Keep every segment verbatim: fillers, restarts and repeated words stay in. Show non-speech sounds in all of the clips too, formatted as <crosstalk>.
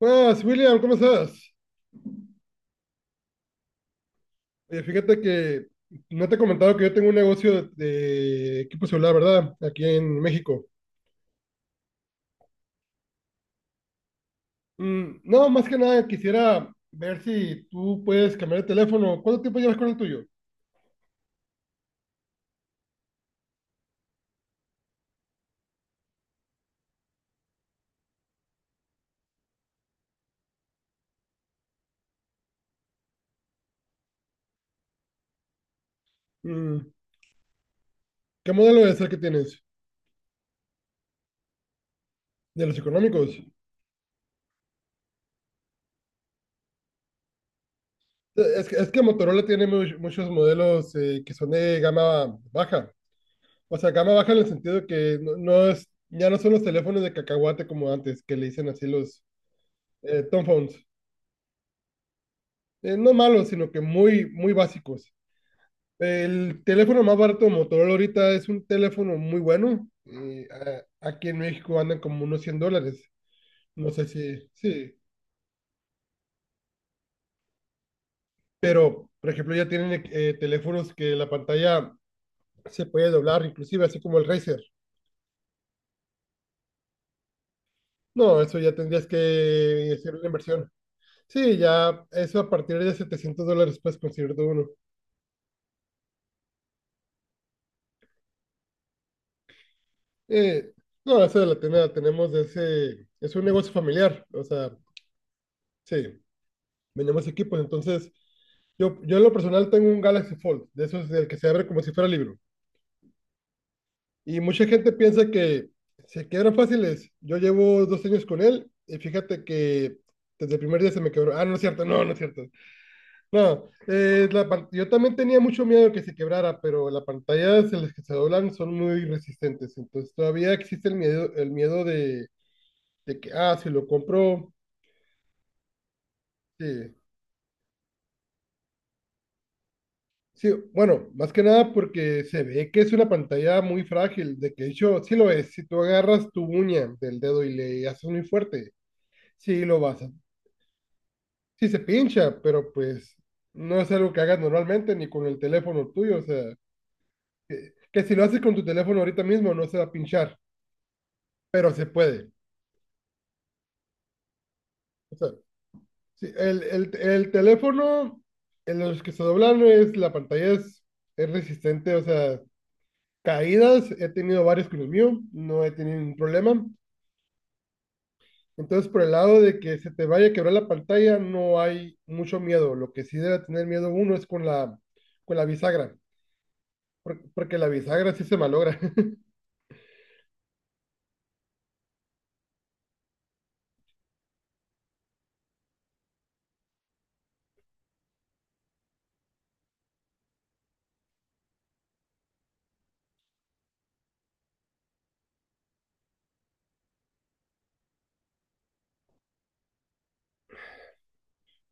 Buenas, William, ¿cómo estás? Oye, fíjate que no te he comentado que yo tengo un negocio de, de equipo celular, ¿verdad? Aquí en México. Mm, no, más que nada quisiera ver si tú puedes cambiar el teléfono. ¿Cuánto tiempo llevas con el tuyo? Mm, ¿Qué modelo es el que tienes? ¿De los económicos? Eh, Es que, es que Motorola tiene mu- muchos modelos eh, que son de gama baja. O sea, gama baja en el sentido que no, no es, ya no son los teléfonos de cacahuate como antes, que le dicen así los eh, tom phones. Eh, no malos, sino que muy, muy básicos. El teléfono más barato de Motorola ahorita es un teléfono muy bueno. Eh, a- aquí en México andan como unos cien dólares. No sé si, sí. Pero, por ejemplo, ya tienen eh, teléfonos que la pantalla se puede doblar, inclusive así como el Razer. No, eso ya tendrías que hacer una inversión. Sí, ya eso a partir de setecientos dólares puedes conseguir todo uno. Eh, no, eso la, ten- la tenemos de ese... Es un negocio familiar, o sea, sí. Vendemos equipos. Entonces, yo, yo en lo personal tengo un Galaxy Fold, de esos del que se abre como si fuera libro. Y mucha gente piensa que se quiebran fáciles. Yo llevo dos años con él y fíjate que desde el primer día se me quebró. Ah, no es cierto, no, no es cierto. No, eh, la pan- yo también tenía mucho miedo que se quebrara, pero las pantallas en las que se doblan son muy resistentes. Entonces todavía existe el miedo, el miedo de, de que, ah, si lo compro, sí. Sí, bueno, más que nada porque se ve que es una pantalla muy frágil, de que de hecho sí lo es. Si tú agarras tu uña del dedo y le haces muy fuerte, sí lo vas a... Sí se pincha, pero pues no es algo que hagas normalmente ni con el teléfono tuyo. O sea, que, que si lo haces con tu teléfono ahorita mismo no se va a pinchar, pero se puede. O sea, sí, el, el, el teléfono, en los que se doblan es, la pantalla es, es resistente, o sea, caídas, he tenido varias con el mío, no he tenido ningún problema. Entonces, por el lado de que se te vaya a quebrar la pantalla, no hay mucho miedo. Lo que sí debe tener miedo uno es con la, con la bisagra, por- porque la bisagra sí se malogra. <laughs>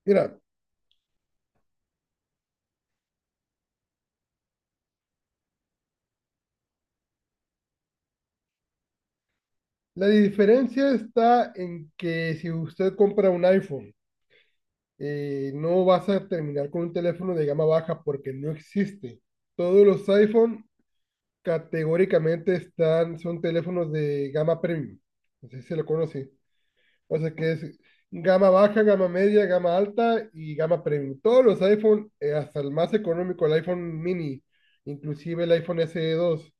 Mira, la diferencia está en que si usted compra un iPhone, eh, no vas a terminar con un teléfono de gama baja porque no existe. Todos los iPhone categóricamente están, son teléfonos de gama premium. Así se lo conoce. O sea que es gama baja, gama media, gama alta y gama premium. Todos los iPhone, eh, hasta el más económico, el iPhone mini, inclusive el iPhone S E dos,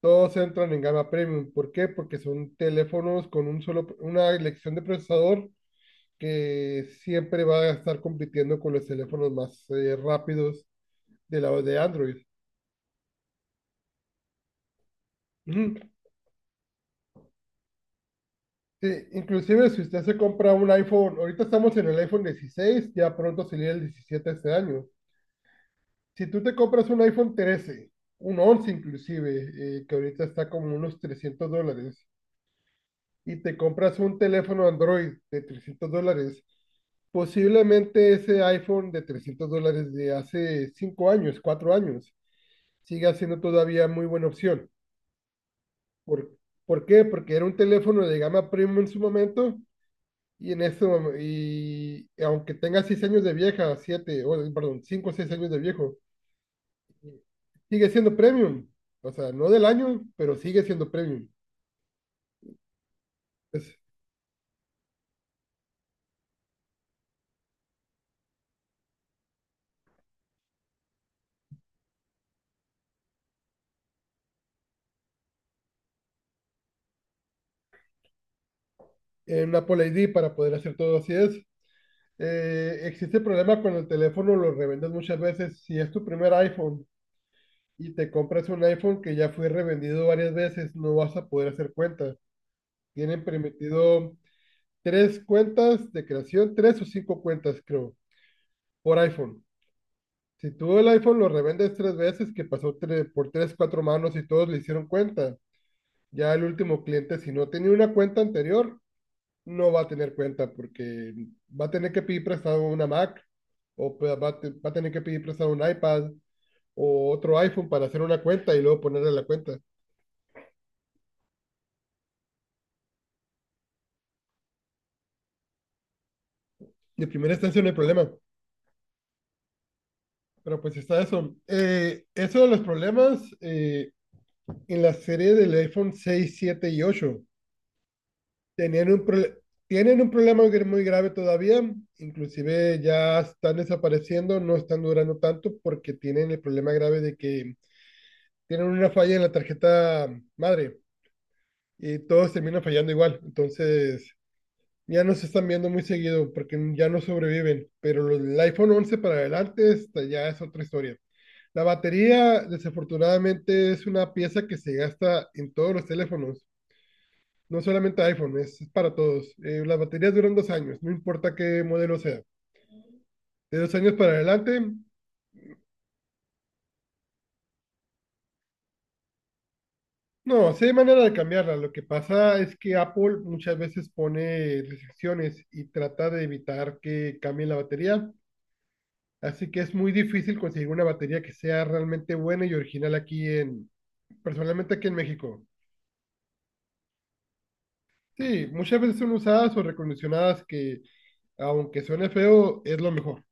todos entran en gama premium. ¿Por qué? Porque son teléfonos con un solo, una elección de procesador que siempre va a estar compitiendo con los teléfonos más eh, rápidos de la de Android. Ujú. Sí, inclusive si usted se compra un iPhone, ahorita estamos en el iPhone dieciséis, ya pronto sería el diecisiete este año. Si tú te compras un iPhone trece, un once inclusive, eh, que ahorita está como unos trescientos dólares, y te compras un teléfono Android de trescientos dólares, posiblemente ese iPhone de trescientos dólares de hace cinco años, cuatro años, siga siendo todavía muy buena opción. ¿Por, por qué? Porque era un teléfono de gama premium en su momento. Y en eso, y aunque tenga seis años de vieja, siete, perdón, cinco o seis años de viejo, y sigue siendo premium. O sea, no del año, pero sigue siendo premium. Es eh, un Apple I D para poder hacer todo así es. Eh, existe el problema cuando el teléfono lo revendes muchas veces. Si es tu primer iPhone y te compras un iPhone que ya fue revendido varias veces, no vas a poder hacer cuentas. Tienen permitido tres cuentas de creación, tres o cinco cuentas, creo, por iPhone. Si tú el iPhone lo revendes tres veces, que pasó tre- por tres, cuatro manos y todos le hicieron cuenta, ya el último cliente, si no tenía una cuenta anterior, no va a tener cuenta porque va a tener que pedir prestado una Mac o pe- va a, te- va a tener que pedir prestado un iPad o otro iPhone para hacer una cuenta y luego ponerle la cuenta. De primera instancia no hay problema, pero pues está eso. Eh, eso de los problemas eh, en la serie del iPhone seis siete y ocho Tenían un prole- tienen un problema gr- muy grave todavía, inclusive ya están desapareciendo, no están durando tanto porque tienen el problema grave de que tienen una falla en la tarjeta madre y todos terminan fallando igual. Entonces ya no se están viendo muy seguido porque ya no sobreviven, pero los- el iPhone once para adelante esta ya es otra historia. La batería, desafortunadamente, es una pieza que se gasta en todos los teléfonos. No solamente iPhone, es, es para todos. Eh, las baterías duran dos años, no importa qué modelo sea. De dos años para adelante, no, sí hay manera de cambiarla. Lo que pasa es que Apple muchas veces pone restricciones y trata de evitar que cambie la batería. Así que es muy difícil conseguir una batería que sea realmente buena y original aquí en, personalmente aquí en México. Sí, muchas veces son usadas o recondicionadas que, aunque suene feo, es lo mejor.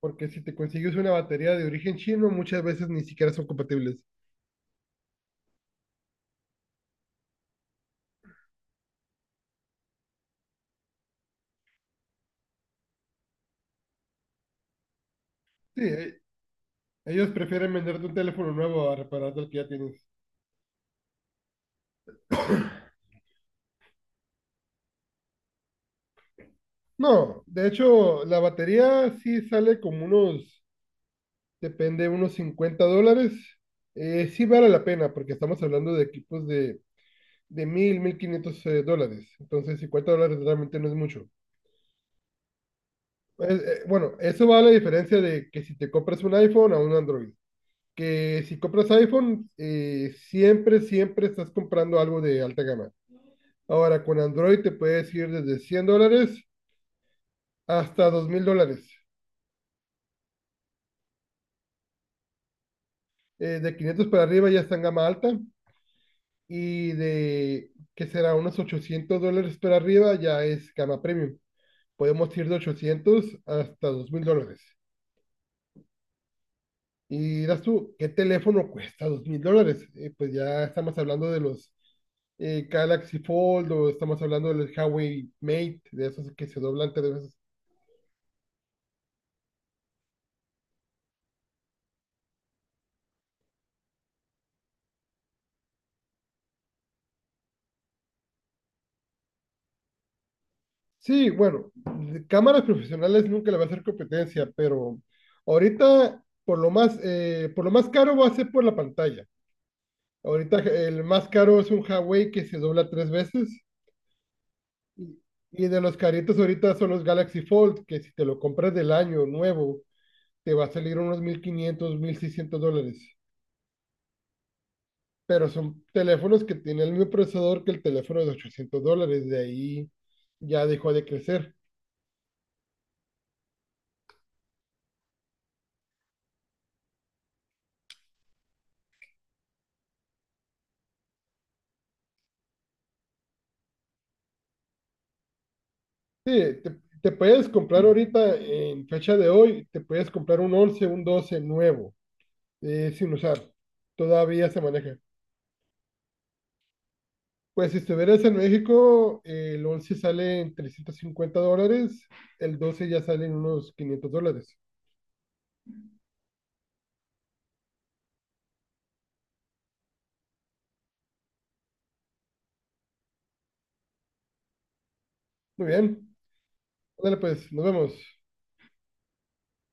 Porque si te consigues una batería de origen chino, muchas veces ni siquiera son compatibles. Sí, e- ellos prefieren venderte un teléfono nuevo a repararte el que ya tienes. No, de hecho, la batería sí sale como unos, depende, unos cincuenta dólares. Eh, sí vale la pena, porque estamos hablando de equipos de, de mil 1500 eh, dólares. Entonces, cincuenta dólares realmente no es mucho. Eh, eh, bueno, eso va a la diferencia de que si te compras un iPhone a un Android. Que si compras iPhone, eh, siempre, siempre estás comprando algo de alta gama. Ahora, con Android te puedes ir desde cien dólares hasta dos mil dólares. Eh, de quinientos para arriba ya está en gama alta y de, ¿que será? Unos ochocientos dólares para arriba ya es gama premium. Podemos ir de ochocientos hasta dos mil dólares. Y das tú, ¿qué teléfono cuesta? Dos mil dólares. Eh, Pues ya estamos hablando de los eh, Galaxy Fold o estamos hablando del Huawei Mate, de esos que se doblan tres veces. Sí, bueno, de cámaras profesionales nunca le va a hacer competencia, pero ahorita por lo más, eh, por lo más caro va a ser por la pantalla. Ahorita el más caro es un Huawei que se dobla tres veces y, y de los caritos ahorita son los Galaxy Fold, que si te lo compras del año nuevo te va a salir unos mil quinientos mil seiscientos dólares. Pero son teléfonos que tienen el mismo procesador que el teléfono de ochocientos dólares. De ahí ya dejó de crecer. Sí, te, te puedes comprar ahorita, en fecha de hoy, te puedes comprar un once un doce nuevo, eh, sin usar. Todavía se maneja. Pues si estuvieras en México, eh, el once sale en trescientos cincuenta dólares, el doce ya sale en unos quinientos dólares. Muy bien. Dale, pues, nos vemos.